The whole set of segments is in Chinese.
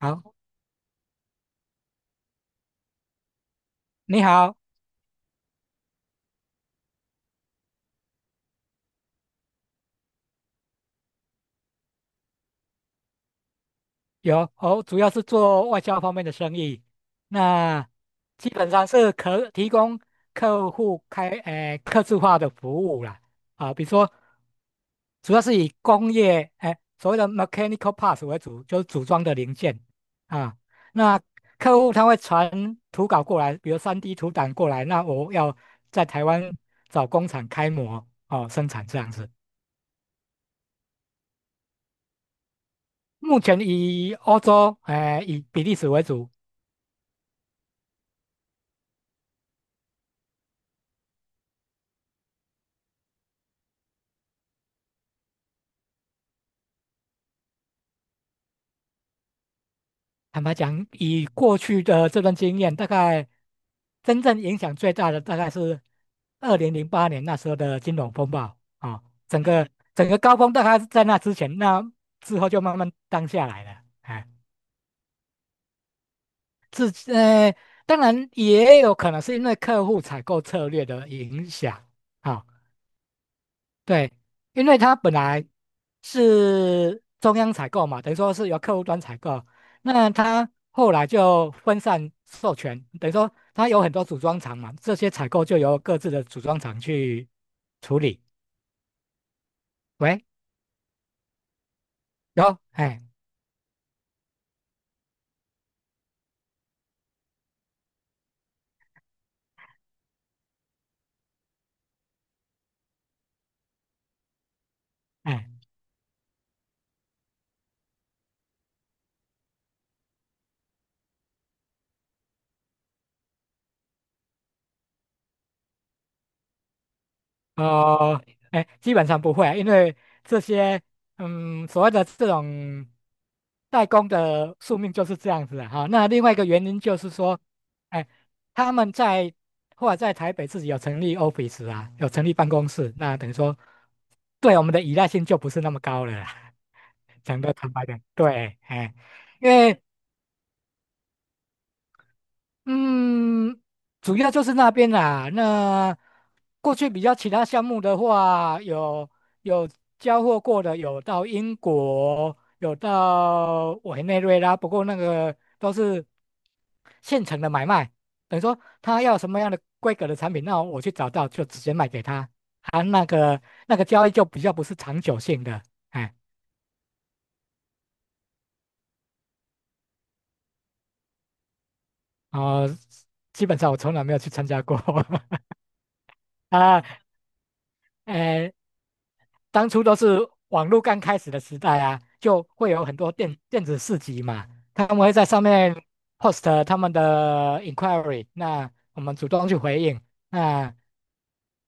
好，你好，有哦，主要是做外销方面的生意。那基本上是可提供客户客制化的服务啦。啊，比如说主要是以工业，哎、所谓的 mechanical parts 为主，就是组装的零件啊。那客户他会传图稿过来，比如3D 图档过来，那我要在台湾找工厂开模哦生产这样子。目前以欧洲，哎、以比利时为主。坦白讲，以过去的这段经验，大概真正影响最大的大概是二零零八年那时候的金融风暴啊。整个整个高峰大概是在那之前，那之后就慢慢淡下来了。哎，自呃，当然也有可能是因为客户采购策略的影响啊。对，因为它本来是中央采购嘛，等于说是由客户端采购，那它后来就分散授权，等于说它有很多组装厂嘛，这些采购就由各自的组装厂去处理。喂，有，哎哎。呃，哎，基本上不会啊，因为这些，所谓的这种代工的宿命就是这样子的哈。那另外一个原因就是说，哎，他们在或者在台北自己有成立 office 啊，有成立办公室，那等于说对我们的依赖性就不是那么高了啦。讲的坦白点，对，哎，因为嗯，主要就是那边啦。那过去比较其他项目的话，有交货过的，有到英国，有到委内瑞拉，不过那个都是现成的买卖，等于说他要什么样的规格的产品，那我去找到就直接卖给他。啊，那个交易就比较不是长久性的，哎，哦、基本上我从来没有去参加过 啊，哎。当初都是网络刚开始的时代啊，就会有很多电子市集嘛，他们会在上面 post 他们的 inquiry，那我们主动去回应。啊，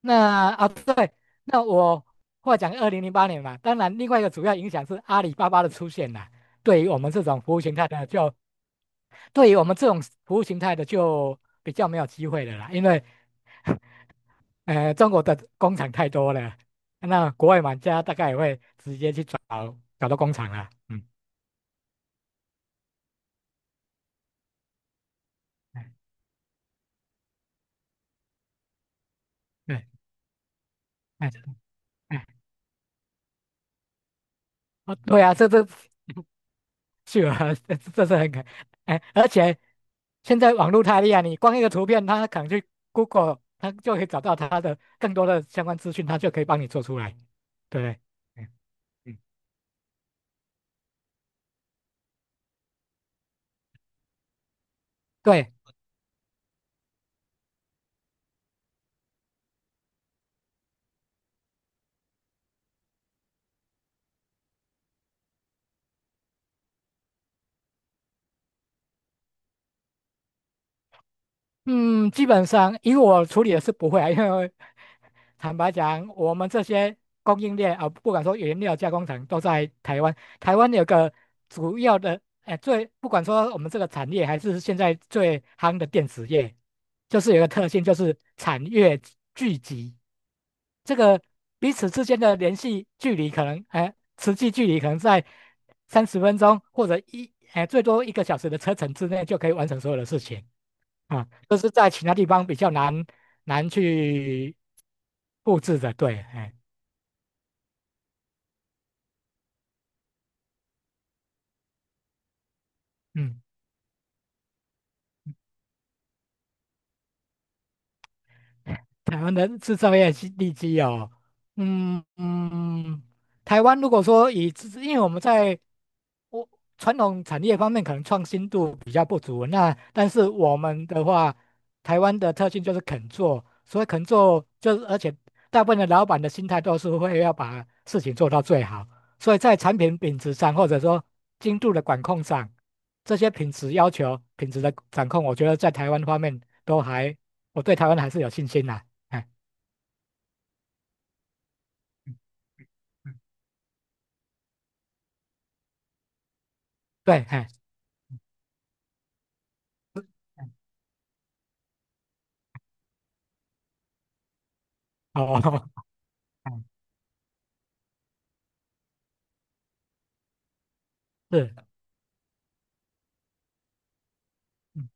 那啊对，那我话讲二零零八年嘛，当然另外一个主要影响是阿里巴巴的出现啦。对于我们这种服务形态的就。对于我们这种服务形态的，就比较没有机会的啦，因为中国的工厂太多了，那国外玩家大概也会直接去找找到工厂了。嗯，哎，对，哎，哎，哦，对啊，这是啊，这是很可，哎，而且现在网络太厉害，你光一个图片，它可能去 Google，它就可以找到它的更多的相关资讯，它就可以帮你做出来，对不对？嗯嗯，对，嗯，基本上以我处理的是不会啊，因为。坦白讲，我们这些供应链啊，不管说原料加工厂都在台湾，台湾有个主要的，哎，不管说我们这个产业还是现在最夯的电子业，就是有个特性，就是产业聚集，这个彼此之间的联系距离可能，哎，实际距离可能在30分钟或者哎，最多一个小时的车程之内就可以完成所有的事情。啊，这是在其他地方比较难去复制的，对，哎，嗯。台湾的制造业基地，嗯嗯，台湾如果说因为我们在我传统产业方面可能创新度比较不足，那但是我们的话，台湾的特性就是肯做，所以肯做就是，而且大部分的老板的心态都是会要把事情做到最好，所以在产品品质上或者说精度的管控上，这些品质要求、品质的掌控，我觉得在台湾方面都还，我对台湾还是有信心呐、哎，嗯对，哎，哦。哎，是，嗯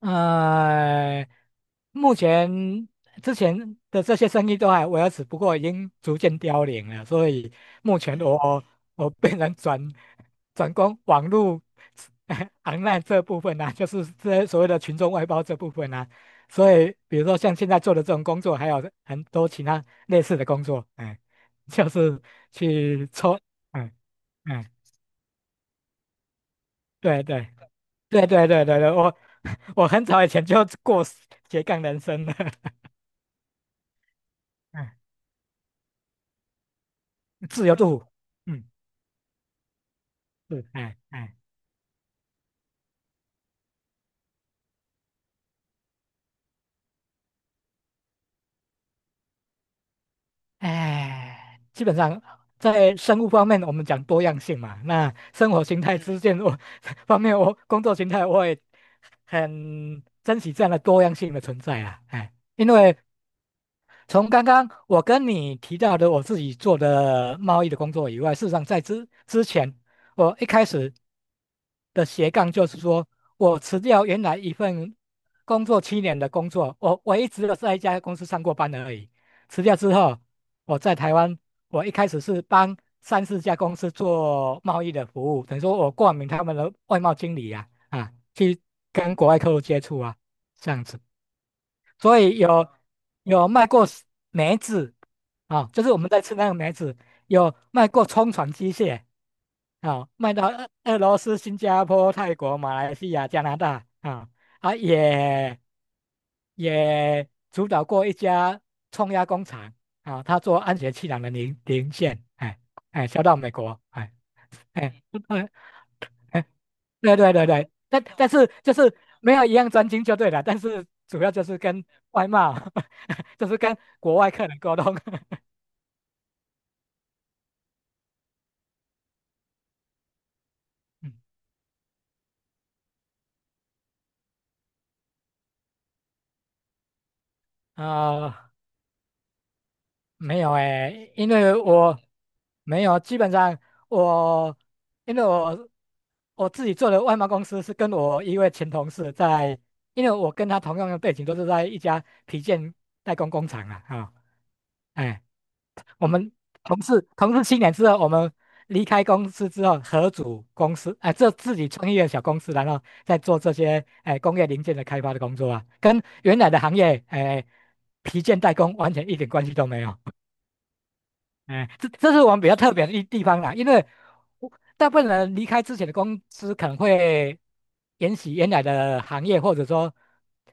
呃，目前之前的这些生意都还维持，不过已经逐渐凋零了，所以目前我变成转攻网络 online 这部分啊，就是这些所谓的群众外包这部分啊，所以比如说像现在做的这种工作，还有很多其他类似的工作，哎，就是去抽，嗯嗯，对对。对对对对对，我很早以前就过斜杠人生了。嗯，自由度，嗯，是，哎哎哎，基本上在生物方面我们讲多样性嘛，那生活形态之间我 方面我工作形态我也很珍惜这样的多样性的存在啊，哎，因为从刚刚我跟你提到的我自己做的贸易的工作以外，事实上在之前。我一开始的斜杠就是说，我辞掉原来一份工作七年的工作，我都在一家公司上过班而已。辞掉之后，我在台湾，我一开始是帮三四家公司做贸易的服务，等于说我冠名他们的外贸经理啊，啊，去跟国外客户接触啊，这样子。所以有卖过 梅子啊，就是我们在吃那个梅子，有卖过冲船机械啊，卖到俄罗斯、新加坡、泰国、马来西亚、加拿大啊啊，也主导过一家冲压工厂啊，他做安全气囊的零件，哎哎，销到美国，哎哎。对对对对，但是就是没有一样专精就对了，但是主要就是跟外贸，就是跟国外客人沟通。嗯啊、没有诶，因为我没有，基本上我因为我我自己做的外贸公司是跟我一位前同事在，因为我跟他同样的背景都是在一家皮件代工工厂啊，啊、哎。我们同事同事七年之后，我们离开公司之后，合组公司，哎、这自己创业的小公司，然后再做这些哎、工业零件的开发的工作啊，跟原来的行业哎、皮件代工完全一点关系都没有。哎，这是我们比较特别的一地方啦，因为我大部分人离开之前的公司可能会沿袭原来的行业，或者说，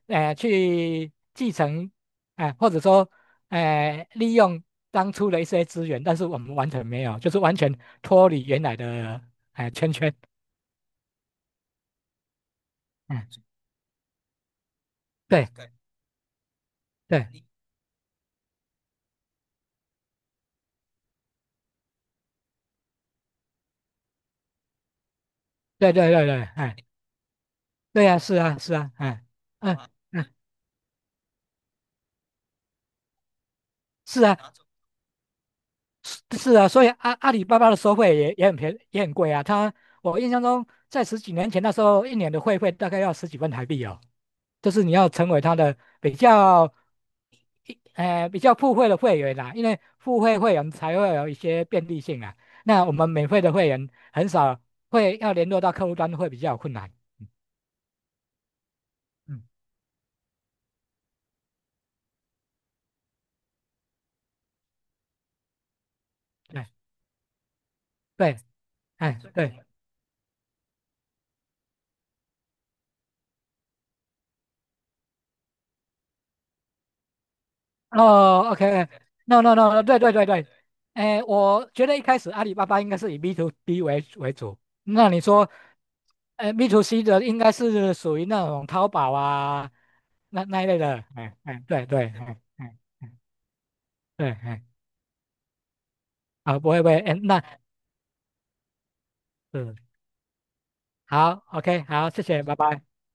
去继承，哎、或者说，利用当初的一些资源，但是我们完全没有，就是完全脱离原来的哎、圈圈。嗯，对对对对对对，哎，对呀、是啊是啊，哎嗯嗯，是啊。是啊，所以阿里巴巴的收费也很便也很贵啊。我印象中在十几年前那时候，一年的会费大概要十几万台币哦。就是你要成为他的比较付费的会员啦，因为付费会员才会有一些便利性啊。那我们免费的会员很少会要联络到客户端，会比较有困难。嗯，嗯对对，哎对。哦 OK，OK，no no no，对对对对，哎，我觉得一开始阿里巴巴应该是以 B to B 为主，那你说，哎 b to C 的应该是属于那种淘宝啊，那一类的，哎哎，对对，哎哎哎对，哎，啊，不会不会，哎，那嗯，好，OK，好，谢谢，拜拜。